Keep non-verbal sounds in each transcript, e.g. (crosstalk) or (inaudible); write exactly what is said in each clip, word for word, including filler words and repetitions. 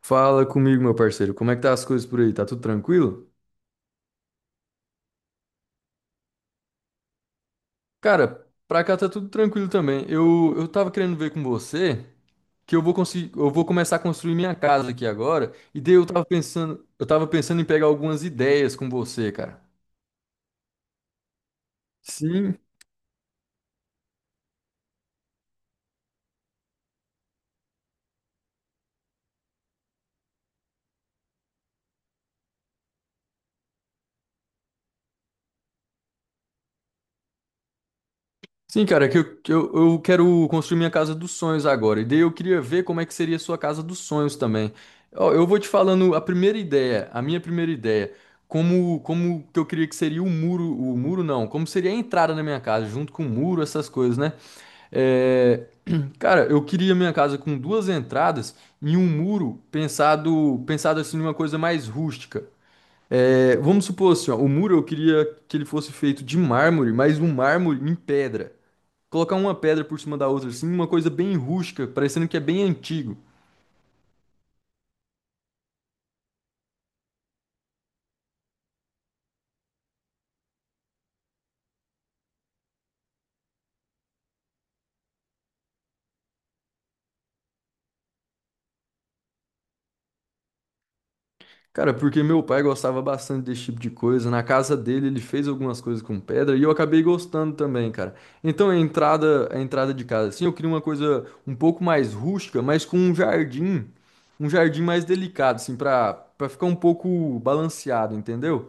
Fala comigo, meu parceiro. Como é que tá as coisas por aí? Tá tudo tranquilo? Cara, pra cá tá tudo tranquilo também. Eu, eu tava querendo ver com você que eu vou conseguir, eu vou começar a construir minha casa aqui agora, e daí eu tava pensando, eu tava pensando em pegar algumas ideias com você, cara. Sim. Sim, cara, é que eu, que eu, eu quero construir minha casa dos sonhos agora. E daí eu queria ver como é que seria a sua casa dos sonhos também. Ó, eu vou te falando a primeira ideia, a minha primeira ideia. Como, como que eu queria que seria o muro, o muro não, como seria a entrada na minha casa, junto com o muro, essas coisas, né? É, (clears throat) cara, eu queria minha casa com duas entradas e um muro pensado, pensado assim numa coisa mais rústica. É, vamos supor assim, ó, o muro eu queria que ele fosse feito de mármore, mas um mármore em pedra. Colocar uma pedra por cima da outra, assim, uma coisa bem rústica, parecendo que é bem antigo. Cara, porque meu pai gostava bastante desse tipo de coisa. Na casa dele, ele fez algumas coisas com pedra e eu acabei gostando também, cara. Então a entrada, a entrada de casa, assim, eu queria uma coisa um pouco mais rústica, mas com um jardim, um jardim mais delicado, assim, pra, pra ficar um pouco balanceado, entendeu?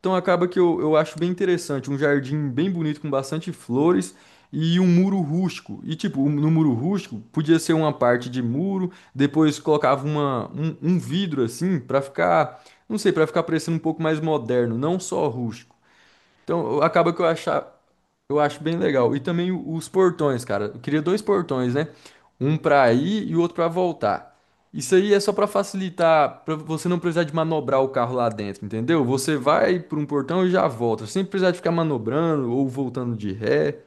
Então acaba que eu, eu acho bem interessante, um jardim bem bonito com bastante flores e um muro rústico. E tipo, um- no muro rústico podia ser uma parte de muro, depois colocava uma, um, um vidro assim pra ficar, não sei, pra ficar parecendo um pouco mais moderno, não só rústico. Então eu- acaba que eu achava, eu acho bem legal. E também o- os portões, cara. Eu queria dois portões, né? Um pra ir e o outro pra voltar. Isso aí é só pra facilitar, pra você não precisar de manobrar o carro lá dentro, entendeu? Você vai por um portão e já volta, sem precisar de ficar manobrando ou voltando de ré.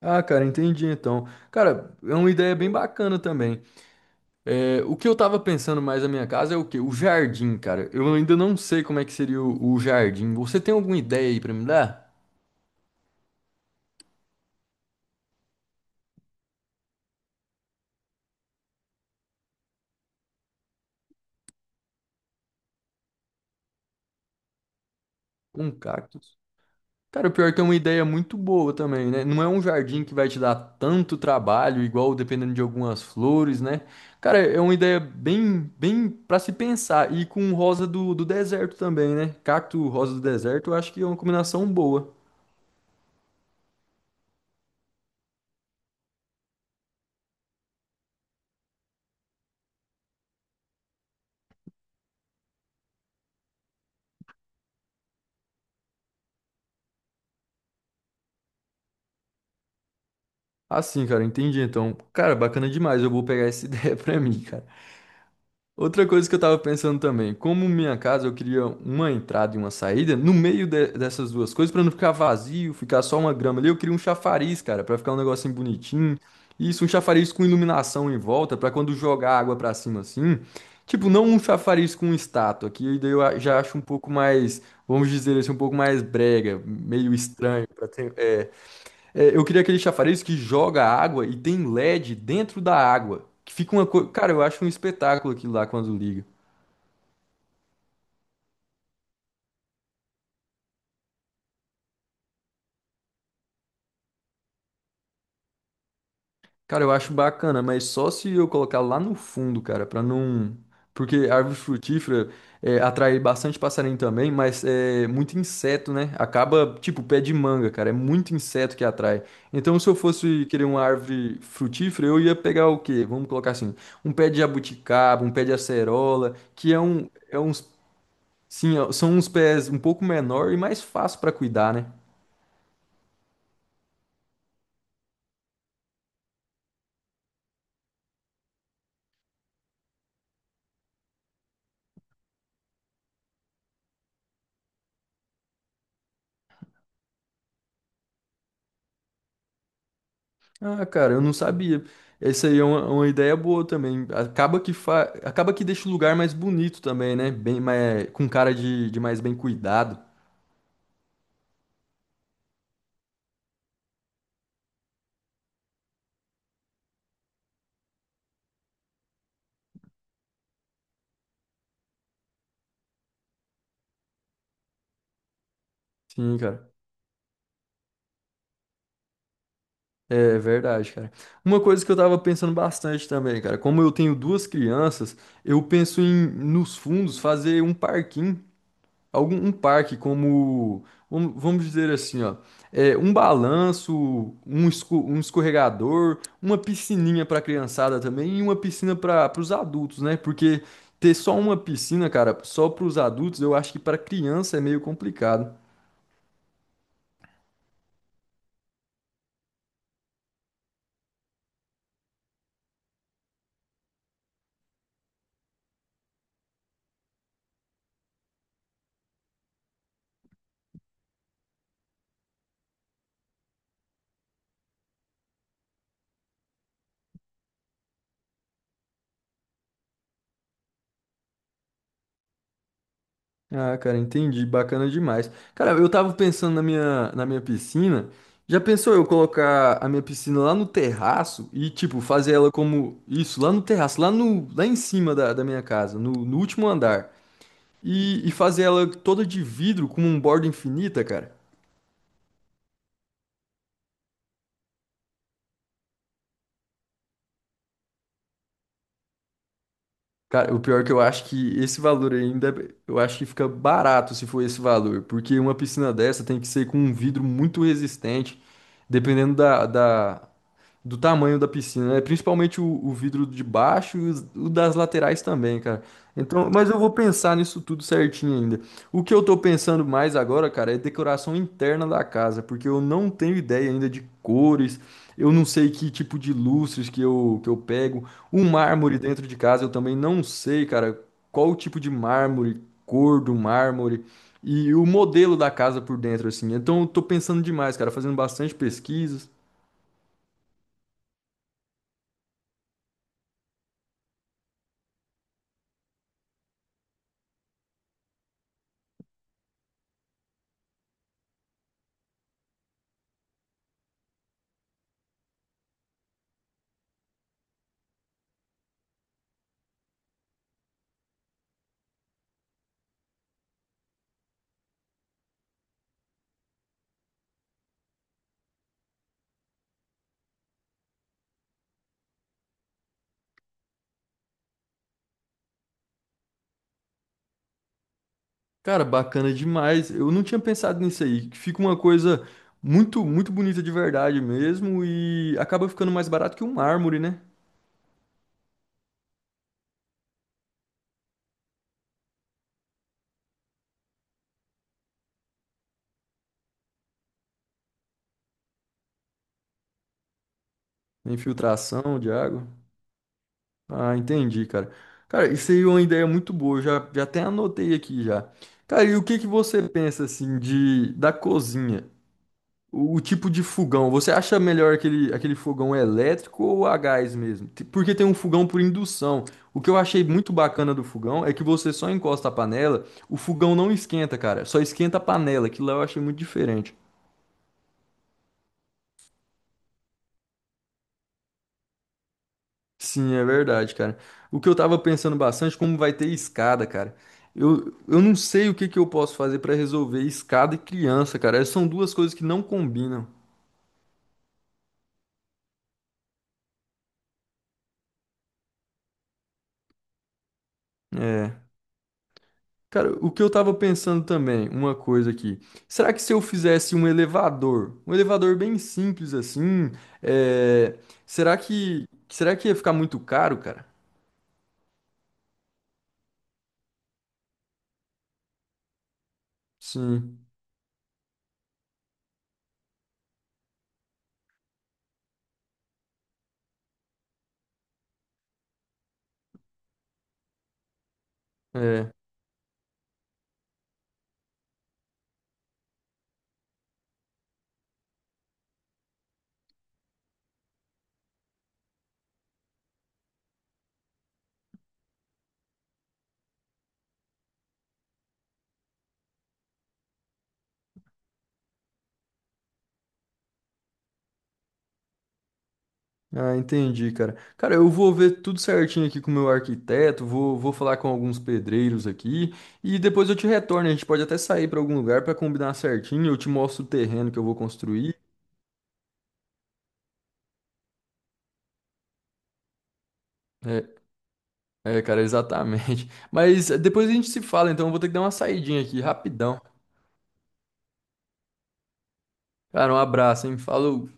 Ah, cara, entendi então. Cara, é uma ideia bem bacana também. É, o que eu tava pensando mais na minha casa é o quê? O jardim, cara. Eu ainda não sei como é que seria o, o jardim. Você tem alguma ideia aí pra me dar? Um cacto. Cara, o pior é que é uma ideia muito boa também, né? Não é um jardim que vai te dar tanto trabalho, igual dependendo de algumas flores, né? Cara, é uma ideia bem, bem para se pensar. E com rosa do, do deserto também, né? Cacto, rosa do deserto, eu acho que é uma combinação boa. Assim, cara, entendi. Então, cara, bacana demais. Eu vou pegar essa (laughs) ideia pra mim, cara. Outra coisa que eu tava pensando também, como minha casa eu queria uma entrada e uma saída, no meio de- dessas duas coisas, pra não ficar vazio, ficar só uma grama ali, eu queria um chafariz, cara, pra ficar um negocinho bonitinho. Isso, um chafariz com iluminação em volta, pra quando jogar água pra cima assim. Tipo, não um chafariz com estátua, que daí eu a- já acho um pouco mais, vamos dizer assim, um pouco mais brega, meio estranho para ter. é, é, eu queria aquele chafariz que joga água e tem L E D dentro da água. Que fica uma coisa. Cara, eu acho um espetáculo aquilo lá quando liga. Cara, eu acho bacana, mas só se eu colocar lá no fundo, cara, pra não. Porque a árvore frutífera é, atrai bastante passarinho também, mas é muito inseto, né? Acaba, tipo, pé de manga, cara. É muito inseto que atrai. Então, se eu fosse querer uma árvore frutífera, eu ia pegar o quê? Vamos colocar assim: um pé de jabuticaba, um pé de acerola, que é um, é uns Sim, ó, são uns pés um pouco menor e mais fácil para cuidar, né? Ah, cara, eu não sabia. Essa aí é uma, uma ideia boa também. Acaba que fa... acaba que deixa o lugar mais bonito também, né? Bem mais... com cara de, de mais bem cuidado. Sim, cara. É verdade, cara. Uma coisa que eu tava pensando bastante também, cara, como eu tenho duas crianças, eu penso em nos fundos fazer um parquinho algum um parque como um- vamos dizer assim, ó, é, um balanço, um, esco- um escorregador, uma piscininha para criançada também e uma piscina para os adultos, né? Porque ter só uma piscina, cara, só para os adultos, eu acho que para criança é meio complicado. Ah, cara, entendi. Bacana demais. Cara, eu tava pensando na minha, na minha piscina. Já pensou eu colocar a minha piscina lá no terraço e, tipo, fazer ela como isso, lá no terraço, lá no, lá em cima da, da minha casa, no, no último andar. E, e fazer ela toda de vidro com um borda infinita, cara. Cara, o pior é que eu acho que esse valor ainda, eu acho que fica barato se for esse valor, porque uma piscina dessa tem que ser com um vidro muito resistente, dependendo da, da, do tamanho da piscina, né? Principalmente o, o vidro de baixo e os- o das laterais também, cara. Então, mas eu vou pensar nisso tudo certinho ainda. O que eu tô pensando mais agora, cara, é decoração interna da casa, porque eu não tenho ideia ainda de cores, eu não sei que tipo de lustres que eu, que eu pego. O mármore dentro de casa eu também não sei, cara, qual o tipo de mármore, cor do mármore. E o modelo da casa por dentro, assim. Então, eu tô pensando demais, cara, fazendo bastante pesquisas. Cara, bacana demais. Eu não tinha pensado nisso aí. Fica uma coisa muito, muito bonita de verdade mesmo e acaba ficando mais barato que um mármore, né? A infiltração de água. Ah, entendi, cara. Cara, isso aí é uma ideia muito boa. Eu já, já até anotei aqui já. Cara, e o que que você pensa assim de da cozinha? O, o tipo de fogão, você acha melhor aquele, aquele fogão elétrico ou a gás mesmo? Te- Porque tem um fogão por indução. O que eu achei muito bacana do fogão é que você só encosta a panela, o fogão não esquenta, cara. Só esquenta a panela. Aquilo lá eu achei muito diferente. Sim, é verdade, cara. O que eu tava pensando bastante, como vai ter escada, cara. Eu, eu não sei o que que eu posso fazer pra resolver escada e criança, cara. São duas coisas que não combinam. É. Cara, o que eu tava pensando também, uma coisa aqui. Será que se eu fizesse um elevador, um elevador bem simples assim, é, será que será que ia ficar muito caro, cara? Sim, é. Ah, entendi, cara. Cara, eu vou ver tudo certinho aqui com o meu arquiteto, vou, vou falar com alguns pedreiros aqui e depois eu te retorno. A gente pode até sair para algum lugar para combinar certinho, eu te mostro o terreno que eu vou construir. É, É, cara, exatamente. Mas depois a gente se fala, então eu vou ter que dar uma saidinha aqui, rapidão. Cara, um abraço, hein? Falou.